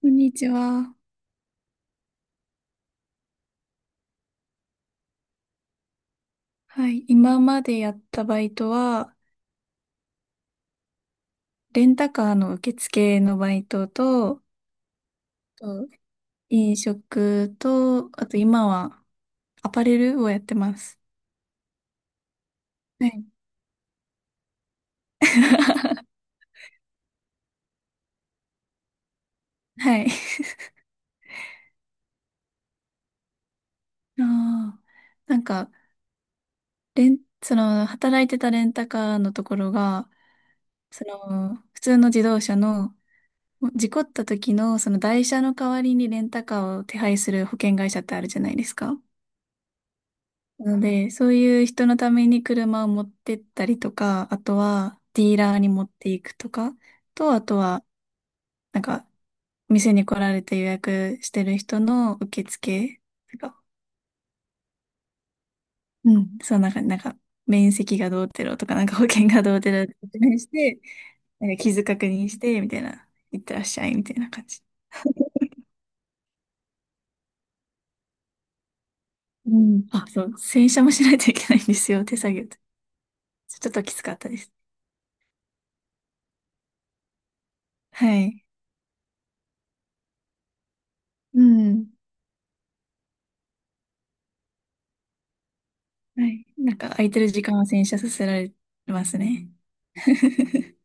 こんにちは。はい。今までやったバイトは、レンタカーの受付のバイトと、と飲食と、あと今はアパレルをやってます。はい。はい。あーなんか、働いてたレンタカーのところが、普通の自動車の、事故った時の、その台車の代わりにレンタカーを手配する保険会社ってあるじゃないですか。なので、そういう人のために車を持ってったりとか、あとはディーラーに持っていくとか、あとは、なんか、店に来られて予約してる人の受付とか、うん、そう、面積がどうてろとか、なんか保険がどうてろって説明して、なんか傷確認して、みたいな、いってらっしゃい、みたいな感じ。うん。あ、そう、洗車もしないといけないんですよ、手作業って。ちょっときつかったです。はい。うん。はい。なんか空いてる時間は洗車させられますね。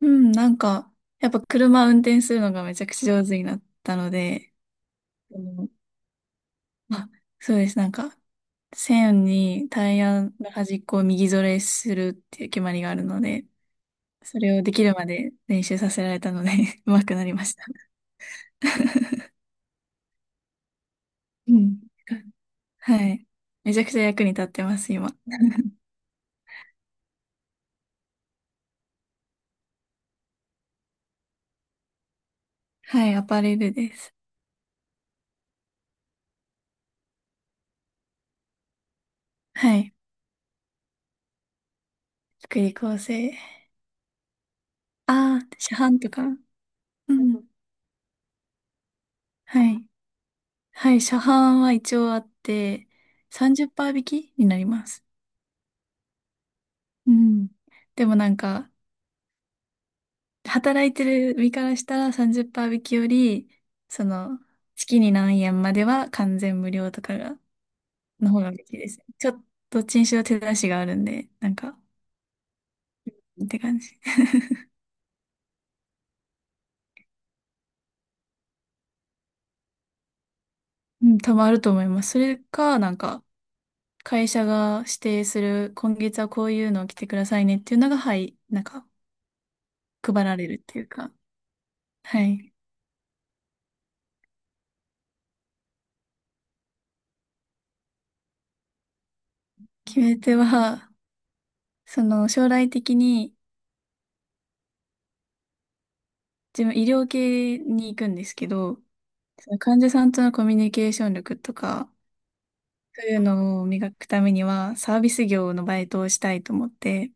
うん、やっぱ車運転するのがめちゃくちゃ上手になったので、うん、あ、そうです。なんか、線にタイヤの端っこを右ぞれするっていう決まりがあるので、それをできるまで練習させられたので 上手くなりました。うん。はい。めちゃくちゃ役に立ってます、今。はい、アパレルです。はい。福利厚生。ああ、市販とか。うん。はい。はい。車販は一応あって、30%引きになります。うん。でもなんか、働いてる身からしたら30%引きより、その、月に何円までは完全無料とかが、の方が嬉しいですね。ちょっと、どっちにしろ手出しがあるんで、なんか、って感じ。うん、多分あると思います。それか、なんか、会社が指定する、今月はこういうのを着てくださいねっていうのが、はい、なんか、配られるっていうか、はい。決め手は、その将来的に自分医療系に行くんですけど、その患者さんとのコミュニケーション力とか、そういうのを磨くためにはサービス業のバイトをしたいと思って、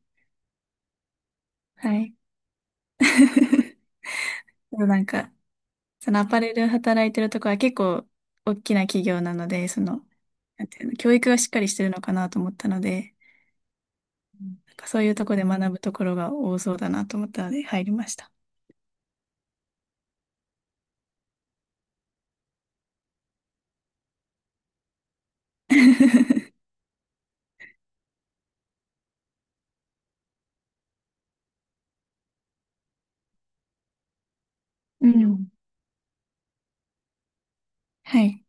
はい。でもなんか、そのアパレル働いてるとこは結構大きな企業なので、その、なんていうの、教育がしっかりしてるのかなと思ったので、うん、なんかそういうとこで学ぶところが多そうだなと思ったので入りました。うん。はい。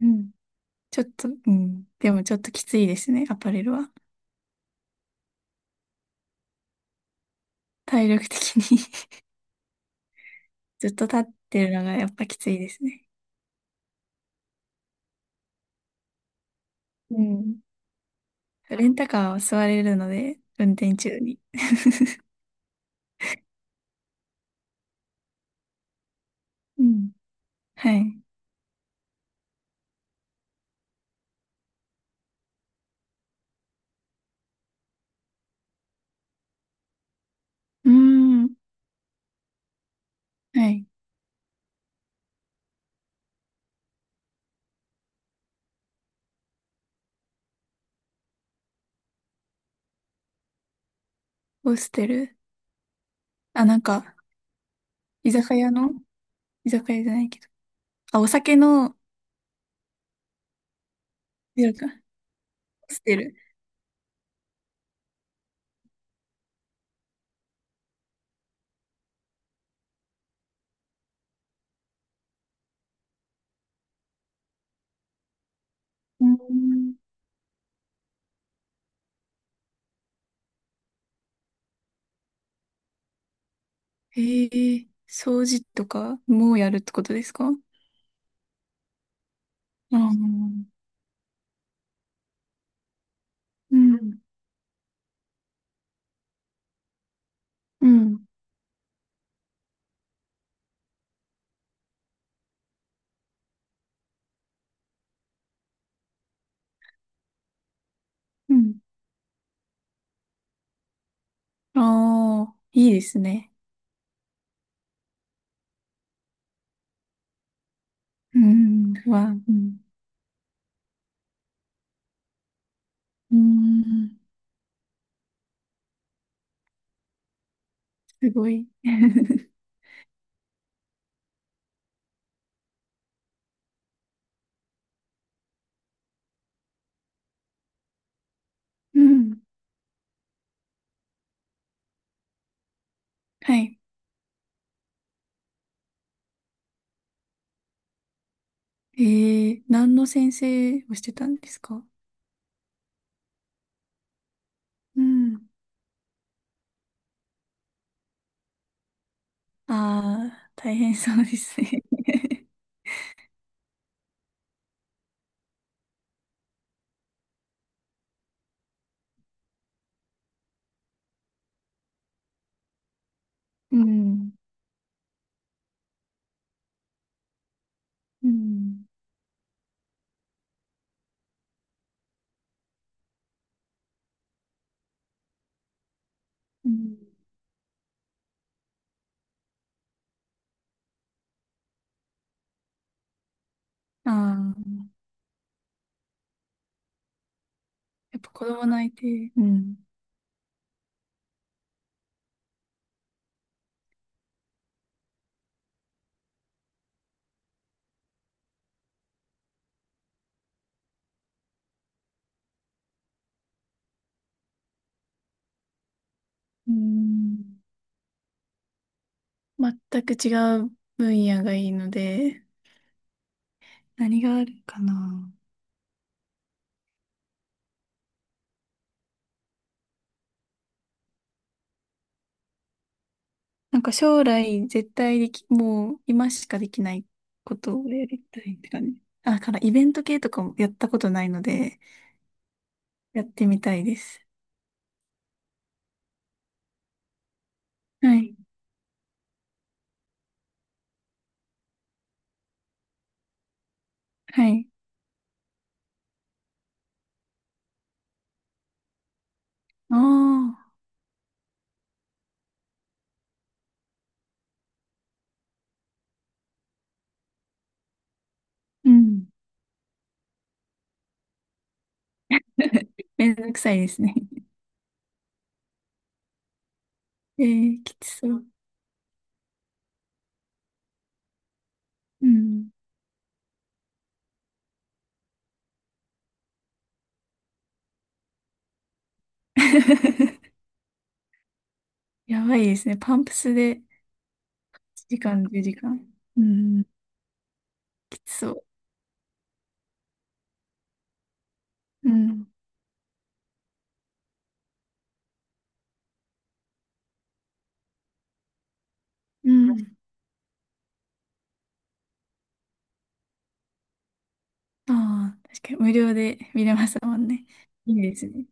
うん、ちょっと、うん。でもちょっときついですね、アパレルは。体力的に。 ずっと立ってるのがやっぱきついですね。うん。レンタカーは座れるので、運転中に。うん。はい。うーん。はい。ホステル。あ、居酒屋の居酒屋じゃないけど。あ、お酒の、なんか、ホステル。うーん。へえ、掃除とかもやるってことですか？ああ、ーうん。うん。うん。ああ、いいですね。うん。は、うん。うん。すごい。うん。はい。えー、何の先生をしてたんですか？うん。ああ、大変そうですね。うん。うん。うん。ああ、やっぱ子供の相手、うん。うん。全く違う分野がいいので、何があるかな。なんか将来絶対でき、もう今しかできないことをやりたいって感じ。あ、だからイベント系とかもやったことないので、やってみたいです。はい。はい。ああ、うん。めんどくさいですね。えー、きつそう。うん。やばいですね。パンプスで1時間、10時間。うん。きつそう。うん。うん。ああ、確かに無料で見れますもんね。いいですね。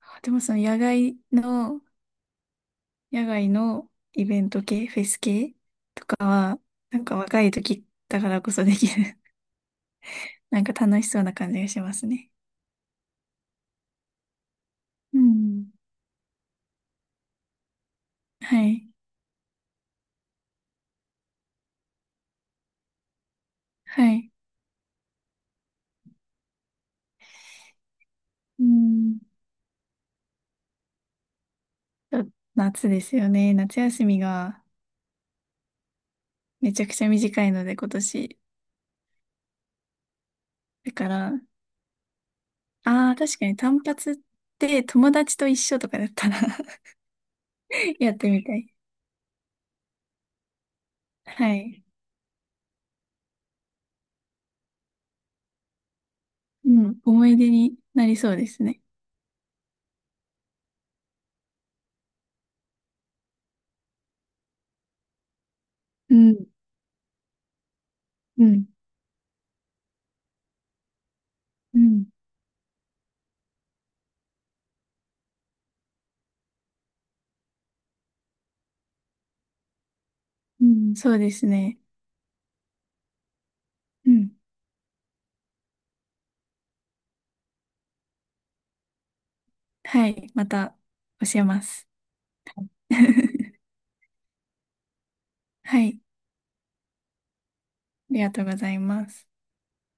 あ、でもその野外のイベント系、フェス系とか、なんか若い時だからこそできる なんか楽しそうな感じがしますね。うん。はい。はい。うん。ちょっと、夏ですよね。夏休みがめちゃくちゃ短いので今年。だから、ああ、確かに単発って友達と一緒とかだったら やってみたい。はい。うん。思い出になりそうですね。うん。うん。うん。うん。そうですね。うん。はい。また教えます。はい。ありがとうございます。